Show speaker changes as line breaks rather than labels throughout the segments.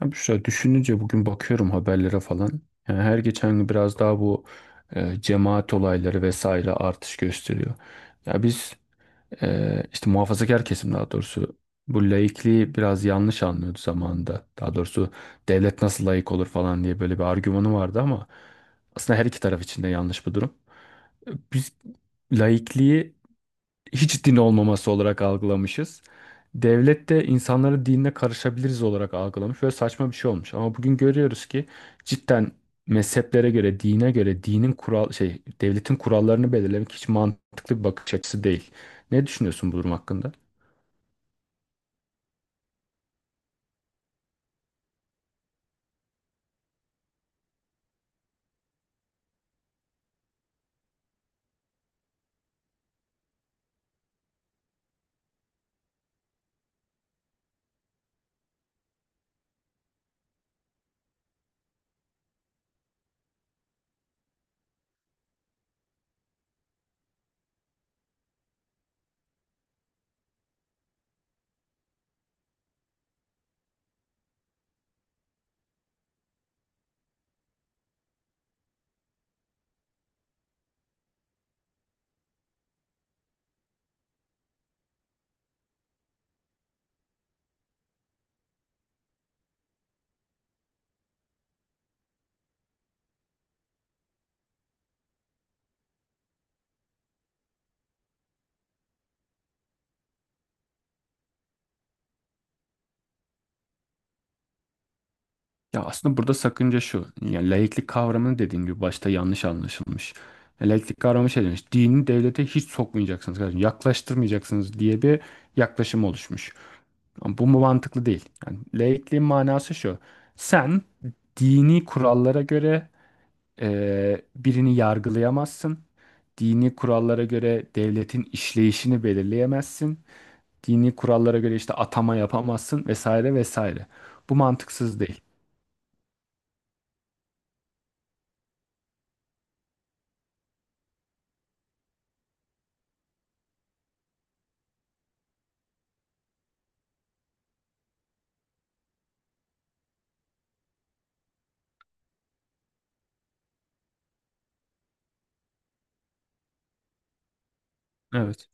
Ya Büşra düşününce bugün bakıyorum haberlere falan. Yani her geçen gün biraz daha bu cemaat olayları vesaire artış gösteriyor. Ya biz işte muhafazakar kesim, daha doğrusu bu laikliği biraz yanlış anlıyordu zamanında. Daha doğrusu devlet nasıl laik olur falan diye böyle bir argümanı vardı, ama aslında her iki taraf için de yanlış bu durum. Biz laikliği hiç din olmaması olarak algılamışız. Devlet de insanları dinine karışabiliriz olarak algılamış. Böyle saçma bir şey olmuş. Ama bugün görüyoruz ki cidden mezheplere göre, dine göre, dinin kural şey, devletin kurallarını belirlemek hiç mantıklı bir bakış açısı değil. Ne düşünüyorsun bu durum hakkında? Ya aslında burada sakınca şu. Yani laiklik kavramını dediğim gibi başta yanlış anlaşılmış. Ya laiklik kavramı şey demiş. Dini devlete hiç sokmayacaksınız kardeşim. Yaklaştırmayacaksınız diye bir yaklaşım oluşmuş. Ama bu mu mantıklı değil. Yani laikliğin manası şu. Sen dini kurallara göre birini yargılayamazsın. Dini kurallara göre devletin işleyişini belirleyemezsin. Dini kurallara göre işte atama yapamazsın vesaire vesaire. Bu mantıksız değil. Evet.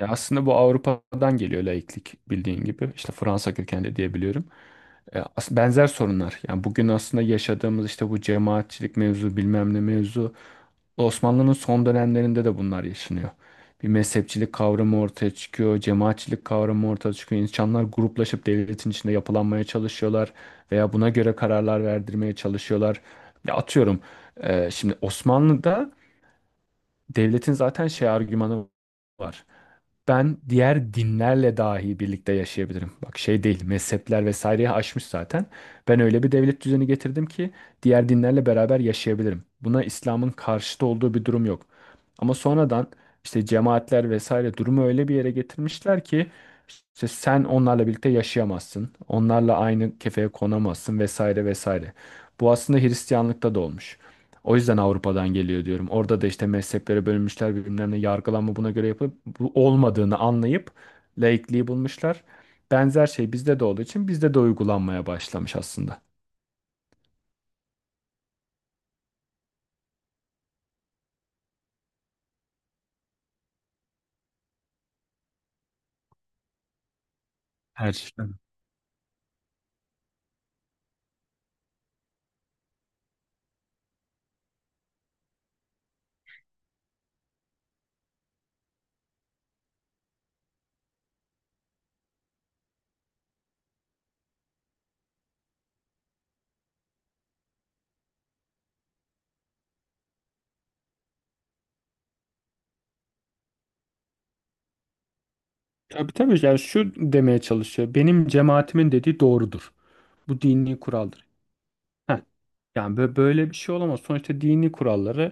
Ya aslında bu Avrupa'dan geliyor laiklik, bildiğin gibi. İşte Fransa kökenli diyebiliyorum. Benzer sorunlar. Yani bugün aslında yaşadığımız işte bu cemaatçilik mevzu bilmem ne mevzu Osmanlı'nın son dönemlerinde de bunlar yaşanıyor. Bir mezhepçilik kavramı ortaya çıkıyor, cemaatçilik kavramı ortaya çıkıyor. İnsanlar gruplaşıp devletin içinde yapılanmaya çalışıyorlar veya buna göre kararlar verdirmeye çalışıyorlar. Ya atıyorum, şimdi Osmanlı'da devletin zaten şey argümanı var, ben diğer dinlerle dahi birlikte yaşayabilirim. Bak şey değil, mezhepler vesaireyi aşmış zaten. Ben öyle bir devlet düzeni getirdim ki diğer dinlerle beraber yaşayabilirim. Buna İslam'ın karşıtı olduğu bir durum yok. Ama sonradan işte cemaatler vesaire durumu öyle bir yere getirmişler ki işte sen onlarla birlikte yaşayamazsın. Onlarla aynı kefeye konamazsın vesaire vesaire. Bu aslında Hristiyanlıkta da olmuş. O yüzden Avrupa'dan geliyor diyorum. Orada da işte mezheplere bölünmüşler, birbirlerine yargılanma buna göre yapıp bu olmadığını anlayıp laikliği bulmuşlar. Benzer şey bizde de olduğu için bizde de uygulanmaya başlamış aslında. Her tabii tabii yani şu demeye çalışıyor. Benim cemaatimin dediği doğrudur. Bu dini kuraldır. Heh, yani böyle bir şey olamaz. Sonuçta dini kuralları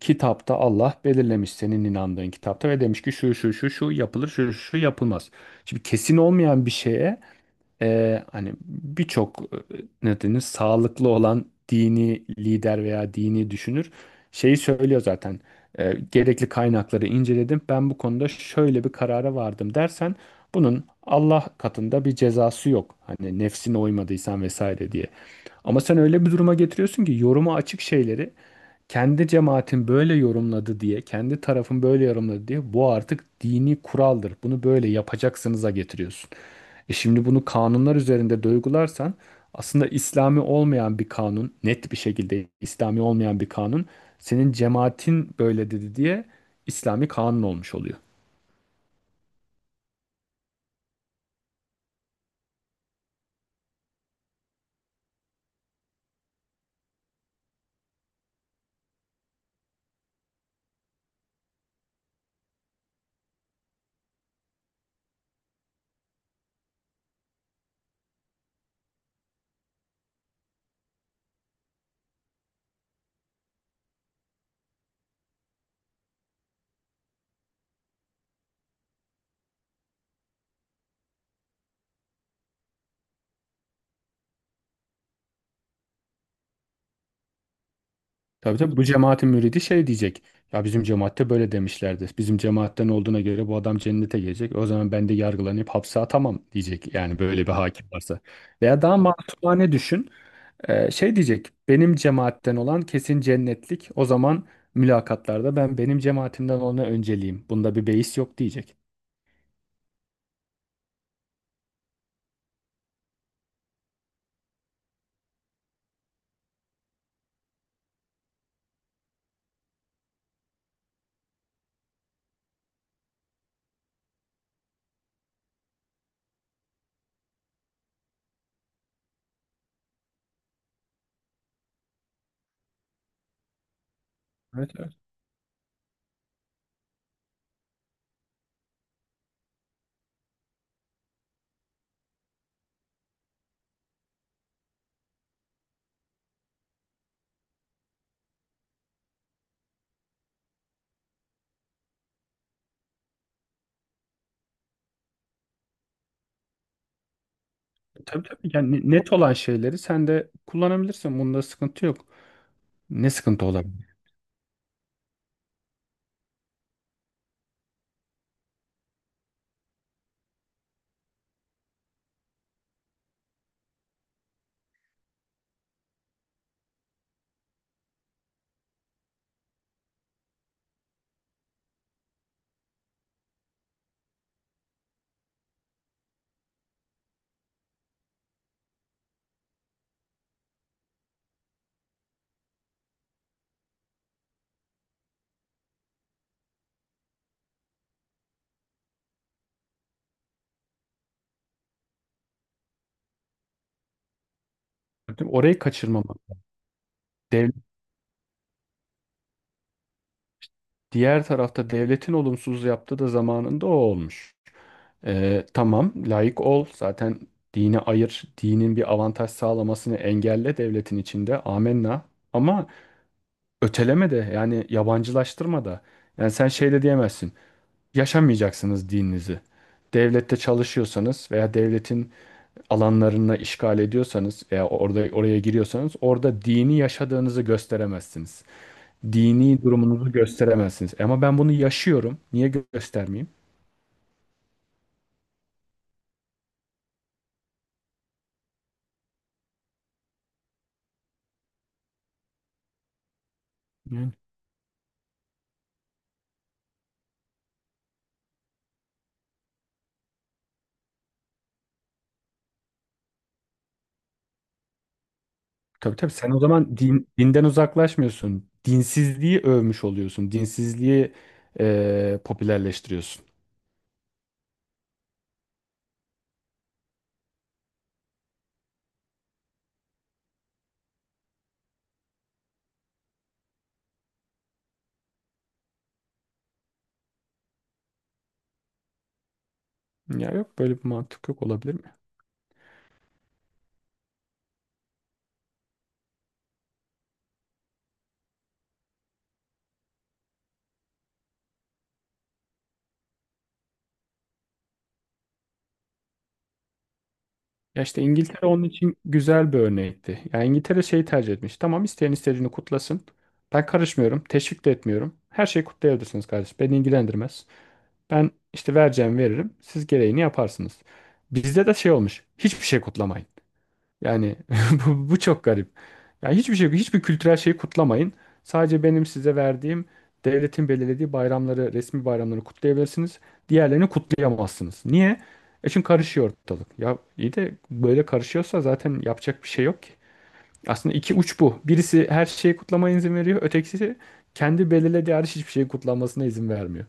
kitapta Allah belirlemiş, senin inandığın kitapta, ve demiş ki şu şu şu şu yapılır, şu şu şu yapılmaz. Şimdi kesin olmayan bir şeye hani birçok ne denir sağlıklı olan dini lider veya dini düşünür şeyi söylüyor zaten. E, gerekli kaynakları inceledim. Ben bu konuda şöyle bir karara vardım dersen bunun Allah katında bir cezası yok. Hani nefsine uymadıysan vesaire diye. Ama sen öyle bir duruma getiriyorsun ki yoruma açık şeyleri kendi cemaatin böyle yorumladı diye, kendi tarafın böyle yorumladı diye bu artık dini kuraldır. Bunu böyle yapacaksınıza getiriyorsun. E şimdi bunu kanunlar üzerinde duygularsan aslında İslami olmayan bir kanun, net bir şekilde İslami olmayan bir kanun, senin cemaatin böyle dedi diye İslami kanun olmuş oluyor. Tabii tabii bu cemaatin müridi şey diyecek. Ya bizim cemaatte böyle demişlerdi. Bizim cemaatten olduğuna göre bu adam cennete gelecek. O zaman ben de yargılanıp hapse atamam diyecek. Yani böyle bir hakim varsa. Veya daha masumane düşün. Şey diyecek, benim cemaatten olan kesin cennetlik. O zaman mülakatlarda ben benim cemaatimden olana önceliyim. Bunda bir beis yok diyecek. Evet, evet. Tabii tabii yani net olan şeyleri sen de kullanabilirsin. Bunda sıkıntı yok. Ne sıkıntı olabilir? Değil mi? Orayı kaçırmamak. Dev, Diğer tarafta devletin olumsuz yaptığı da zamanında o olmuş. Tamam layık ol. Zaten dini ayır. Dinin bir avantaj sağlamasını engelle devletin içinde. Amenna. Ama öteleme de yani yabancılaştırma da. Yani sen şey de diyemezsin. Yaşamayacaksınız dininizi. Devlette çalışıyorsanız veya devletin alanlarına işgal ediyorsanız veya orada oraya giriyorsanız orada dini yaşadığınızı gösteremezsiniz. Dini durumunuzu gösteremezsiniz. Ama ben bunu yaşıyorum. Niye göstermeyeyim? Yani. Tabii tabii sen o zaman din, dinden uzaklaşmıyorsun. Dinsizliği övmüş oluyorsun. Dinsizliği popülerleştiriyorsun. Ya yok böyle bir mantık, yok olabilir mi? Ya işte İngiltere onun için güzel bir örnekti. Ya İngiltere şeyi tercih etmiş. Tamam, isteyen istediğini kutlasın. Ben karışmıyorum. Teşvik de etmiyorum. Her şeyi kutlayabilirsiniz kardeşim. Beni ilgilendirmez. Ben işte vereceğim veririm. Siz gereğini yaparsınız. Bizde de şey olmuş. Hiçbir şey kutlamayın. Yani bu çok garip. Yani hiçbir şey, hiçbir kültürel şeyi kutlamayın. Sadece benim size verdiğim devletin belirlediği bayramları, resmi bayramları kutlayabilirsiniz. Diğerlerini kutlayamazsınız. Niye? E çünkü karışıyor ortalık. Ya iyi de böyle karışıyorsa zaten yapacak bir şey yok ki. Aslında iki uç bu. Birisi her şeyi kutlamaya izin veriyor. Ötekisi kendi belirlediği hariç hiçbir şeyi kutlanmasına izin vermiyor.